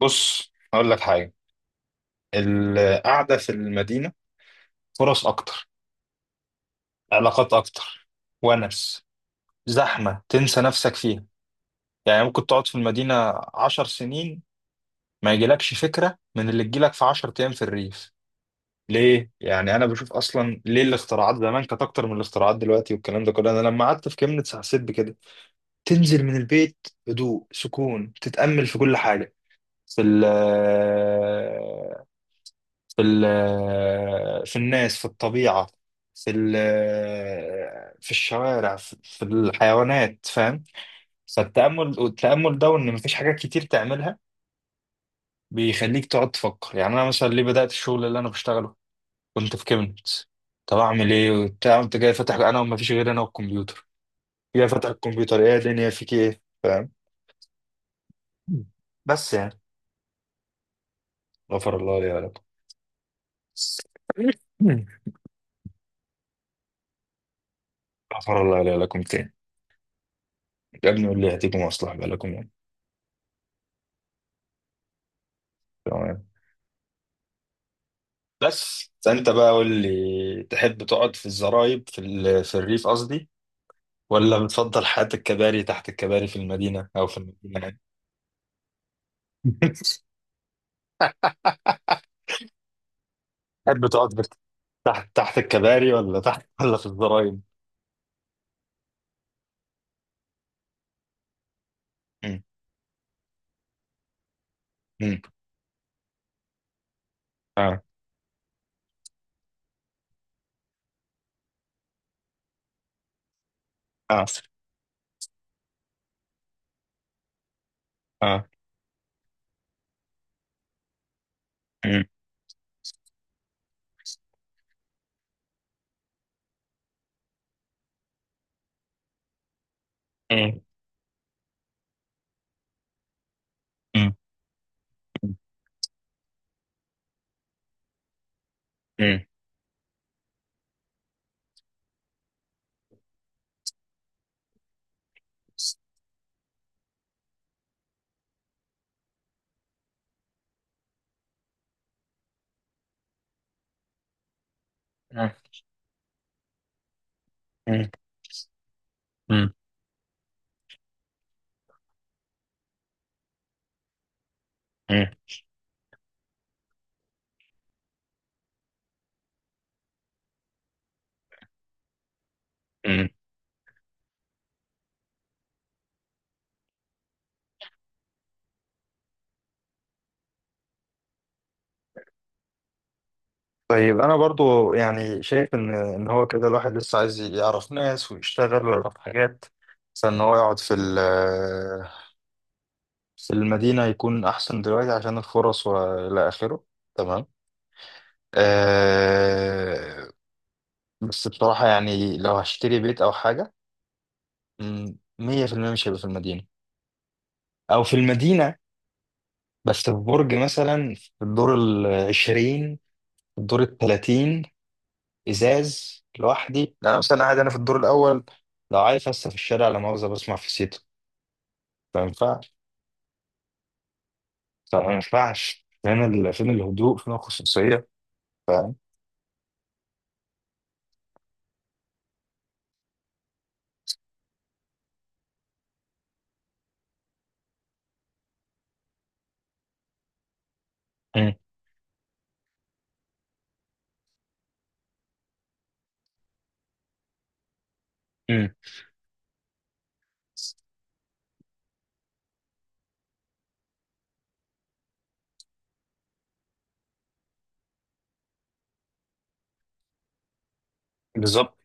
بص، هقول لك حاجة. القعدة في المدينة، فرص أكتر، علاقات أكتر، ونس، زحمة تنسى نفسك فيها. يعني ممكن تقعد في المدينة 10 سنين ما يجيلكش فكرة من اللي تجيلك في 10 أيام في الريف. ليه؟ يعني أنا بشوف أصلا ليه الاختراعات زمان كانت أكتر من الاختراعات دلوقتي، والكلام ده كله، أنا لما قعدت في كيمنيتس حسيت بكده. تنزل من البيت، هدوء، سكون، تتأمل في كل حاجة. في ال في ال- آه، في الناس، في الطبيعة. في ال- آه، في الشوارع، في الحيوانات، فاهم؟ فالتأمل، والتأمل ده، وإن مفيش حاجات كتير تعملها، بيخليك تقعد تفكر. يعني أنا مثلا ليه بدأت الشغل اللي أنا بشتغله؟ كنت في كيمنت، طب أعمل إيه وبتاع، كنت جاي فاتح، أنا ومفيش غير أنا والكمبيوتر، جاي فاتح الكمبيوتر، إيه يا دنيا فيك إيه، فاهم؟ بس يعني، غفر الله لي ولكم. غفر الله لي ولكم تاني. يا ابني قول لي، هتيجوا مصلحة بقى لكم يعني؟ تمام. بس فانت بقى قول لي، تحب تقعد في الزرايب، في الريف قصدي، ولا بتفضل حياة الكباري، تحت الكباري، في المدينة، يعني؟ تحب تقعد بت- تحت الكباري، ولا تحت، ولا في الزرايب؟ مم. مم. اه، اه، اه. مم. مم. مم. مم. مم. مم. مم. مم. طيب، انا برضو يعني شايف ان هو كده الواحد لسه عايز يعرف ناس ويشتغل ويعرف حاجات، عشان ان هو يقعد في المدينة يكون احسن دلوقتي، عشان الفرص والى اخره، تمام. أه، بس بصراحة يعني لو هشتري بيت او حاجة، 100% مش هيبقى في المدينة. او في المدينة بس في برج مثلا، في الدور العشرين، الدور التلاتين. ازاز لوحدي، لا مثلا قاعد انا في الدور الاول، لو عايز هسه في الشارع، لا مؤاخذه بسمع في سيتو. ما ينفعش، ما ينفعش. فين الهدوء؟ فين الخصوصيه؟ فاهم؟ مم. مم. بالظبط.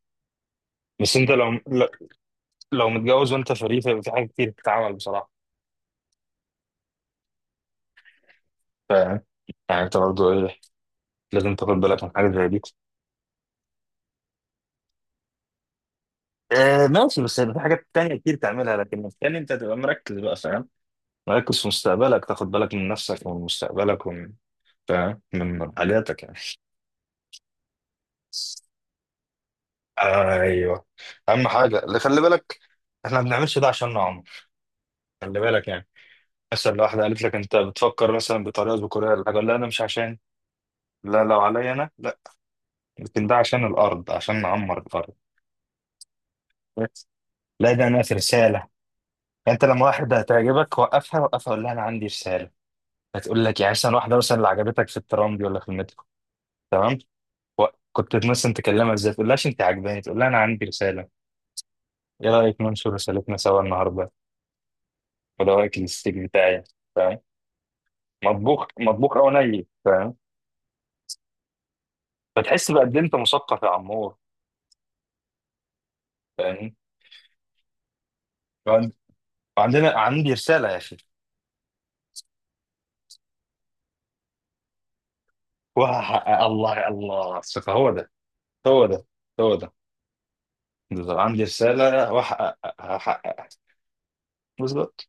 بس انت لو لو متجوز وانت فري، فيبقى في حاجات كتير بتتعمل بصراحه، فاهم؟ يعني انت برضه ايه، لازم تاخد بالك من حاجه زي دي. آه ماشي، بس هيبقى في حاجات تانية كتير تعملها، لكن التاني انت تبقى مركز بقى، فاهم؟ مركز في مستقبلك، تاخد بالك من نفسك، ومن مستقبلك، ومن، فاهم، من حاجاتك يعني. ايوه، اهم حاجه، اللي خلي بالك، احنا ما بنعملش ده عشان عمر، خلي بالك يعني. مثلا لو واحده قالت لك انت بتفكر مثلا بطريقه ذكوريه ولا حاجه، لا، انا مش عشان، لا، لو عليا انا لا، لكن ده عشان الارض، عشان نعمر الارض. بس. لا ده انا في رساله. انت لما واحده هتعجبك، وقفها، وقفها، قول لها انا عندي رساله. هتقول لك يعني، مثلا واحده، مثلا اللي عجبتك في الترام دي ولا في المترو، تمام. و- كنت مثلا تكلمها ازاي، تقول لهاش انت عجباني، تقول لها انا عندي رساله، ايه رايك ننشر رسالتنا سوا النهارده؟ وده رايك، الاستيك بتاعي مطبوخ مطبوخ او ني، فاهم؟ فتحس بقد إيه انت مثقف يا عمور. فاهم؟ وعن- عندي رساله يا اخي، وهحقق. الله، الله، الثقه هو ده، هو ده، هو ده. بالظبط، عندي رساله، هحققها. بالظبط.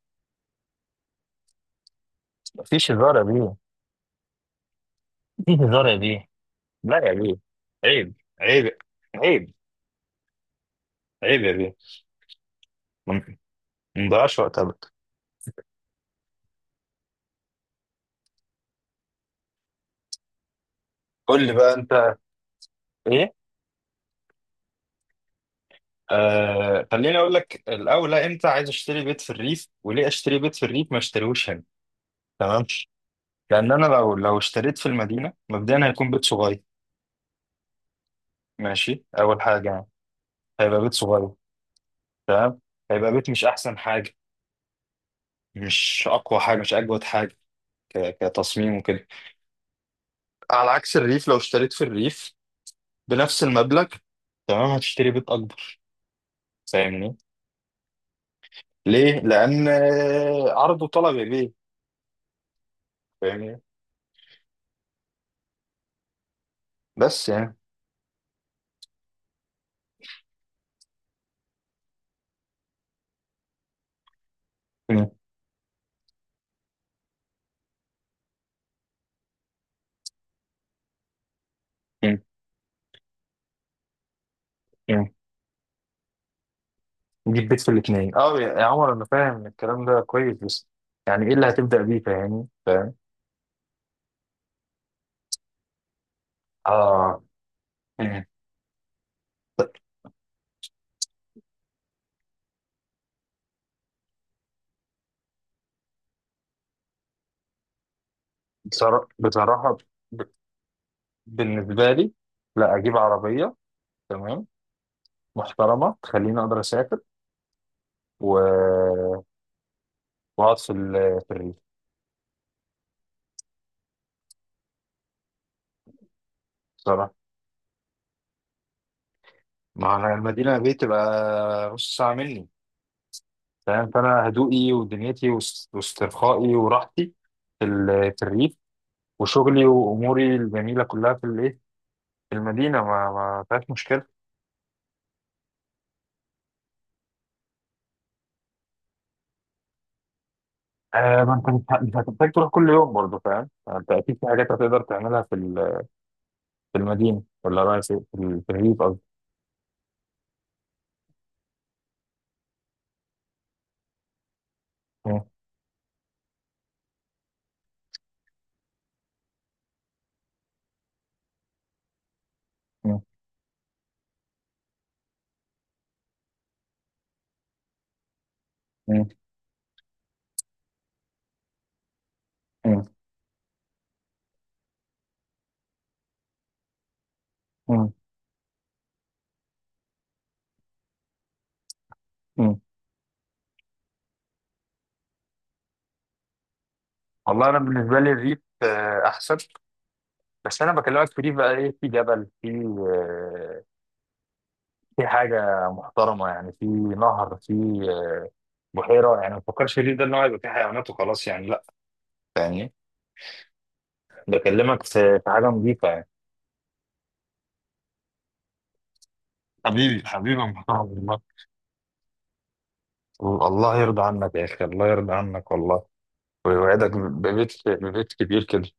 مفيش هزار يا بيه، مفيش هزار يا بيه. لا يا بيه، عيب، عيب، عيب، عيب يا بيه. ما ما نضيعش وقت ابدا. قول لي بقى انت ايه. آه، خليني اقول لك الاول، امتى عايز اشتري بيت في الريف، وليه اشتري بيت في الريف ما اشتريهوش هنا. تمام. لان انا لو اشتريت في المدينه مبدئيا هيكون بيت صغير، ماشي، اول حاجه يعني، هيبقى بيت صغير. تمام. هيبقى بيت مش احسن حاجه، مش اقوى حاجه، مش اجود حاجه، كتصميم وكده. على عكس الريف، لو اشتريت في الريف بنفس المبلغ، تمام، هتشتري بيت اكبر، فاهمني؟ ليه؟ لان، آه، عرض وطلب يا بيه، فاهمني؟ بس يعني، م- م- م. نجيب بيت في الاثنين. اه، يا عمر، انا فاهم الكلام ده كويس، بس يعني ايه اللي هتبدا بيه، فاهمني؟ فاهم، اه، م. بصراحة، ب- بالنسبة لي، لا أجيب عربية، تمام، محترمة، تخليني أقدر أسافر، و... وأقعد في الريف. بصراحة، ما أنا المدينة اللي بيه تبقى نص ساعة مني، تمام. فأنا هدوئي ودنيتي واسترخائي وراحتي في الريف، وشغلي وأموري الجميلة كلها في الإيه، في المدينة، ما فيهاش مشكلة. آه، ما أنت مش مش هتحتاج تروح كل يوم برضه، فاهم يعني؟ أنت أكيد في حاجات هتقدر تعملها في المدينة، ولا رأيك إيه؟ في الريف. مم. مم. مم. مم. مم. مم. والله، انا بالنسبه لي الريف، آه، احسن. بس انا بكلمك في ريف بقى ايه، في جبل، في، آه، في حاجه محترمه يعني، في نهر، في، آه، بحيره يعني. ما تفكرش الريف ده ان هو يبقى فيه حيوانات وخلاص يعني، لا. يعني، بكلمك في حاجه نظيفه يعني. حبيبي حبيبي يا محترم، والله. الله يرضى عنك يا اخي، الله يرضى عنك والله. ويوعدك ببيت، كبير كده.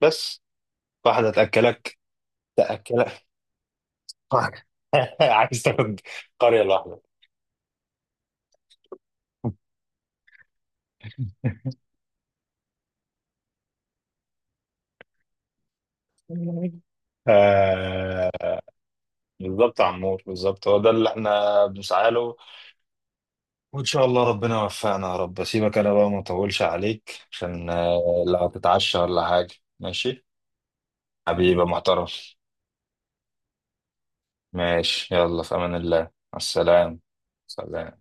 بس واحده تاكلك، تاكلك. عايز تاخد قرية لوحدك. آه، بالظبط يا عمور، بالظبط هو ده اللي احنا بنسعى له. وان شاء الله ربنا يوفقنا يا رب. سيبك انا بقى، ما اطولش عليك، عشان آه، لا هتتعشى ولا حاجة. ماشي، حبيبي يا محترم. ماشي، يلا، في امان الله، مع السلامة. سلام.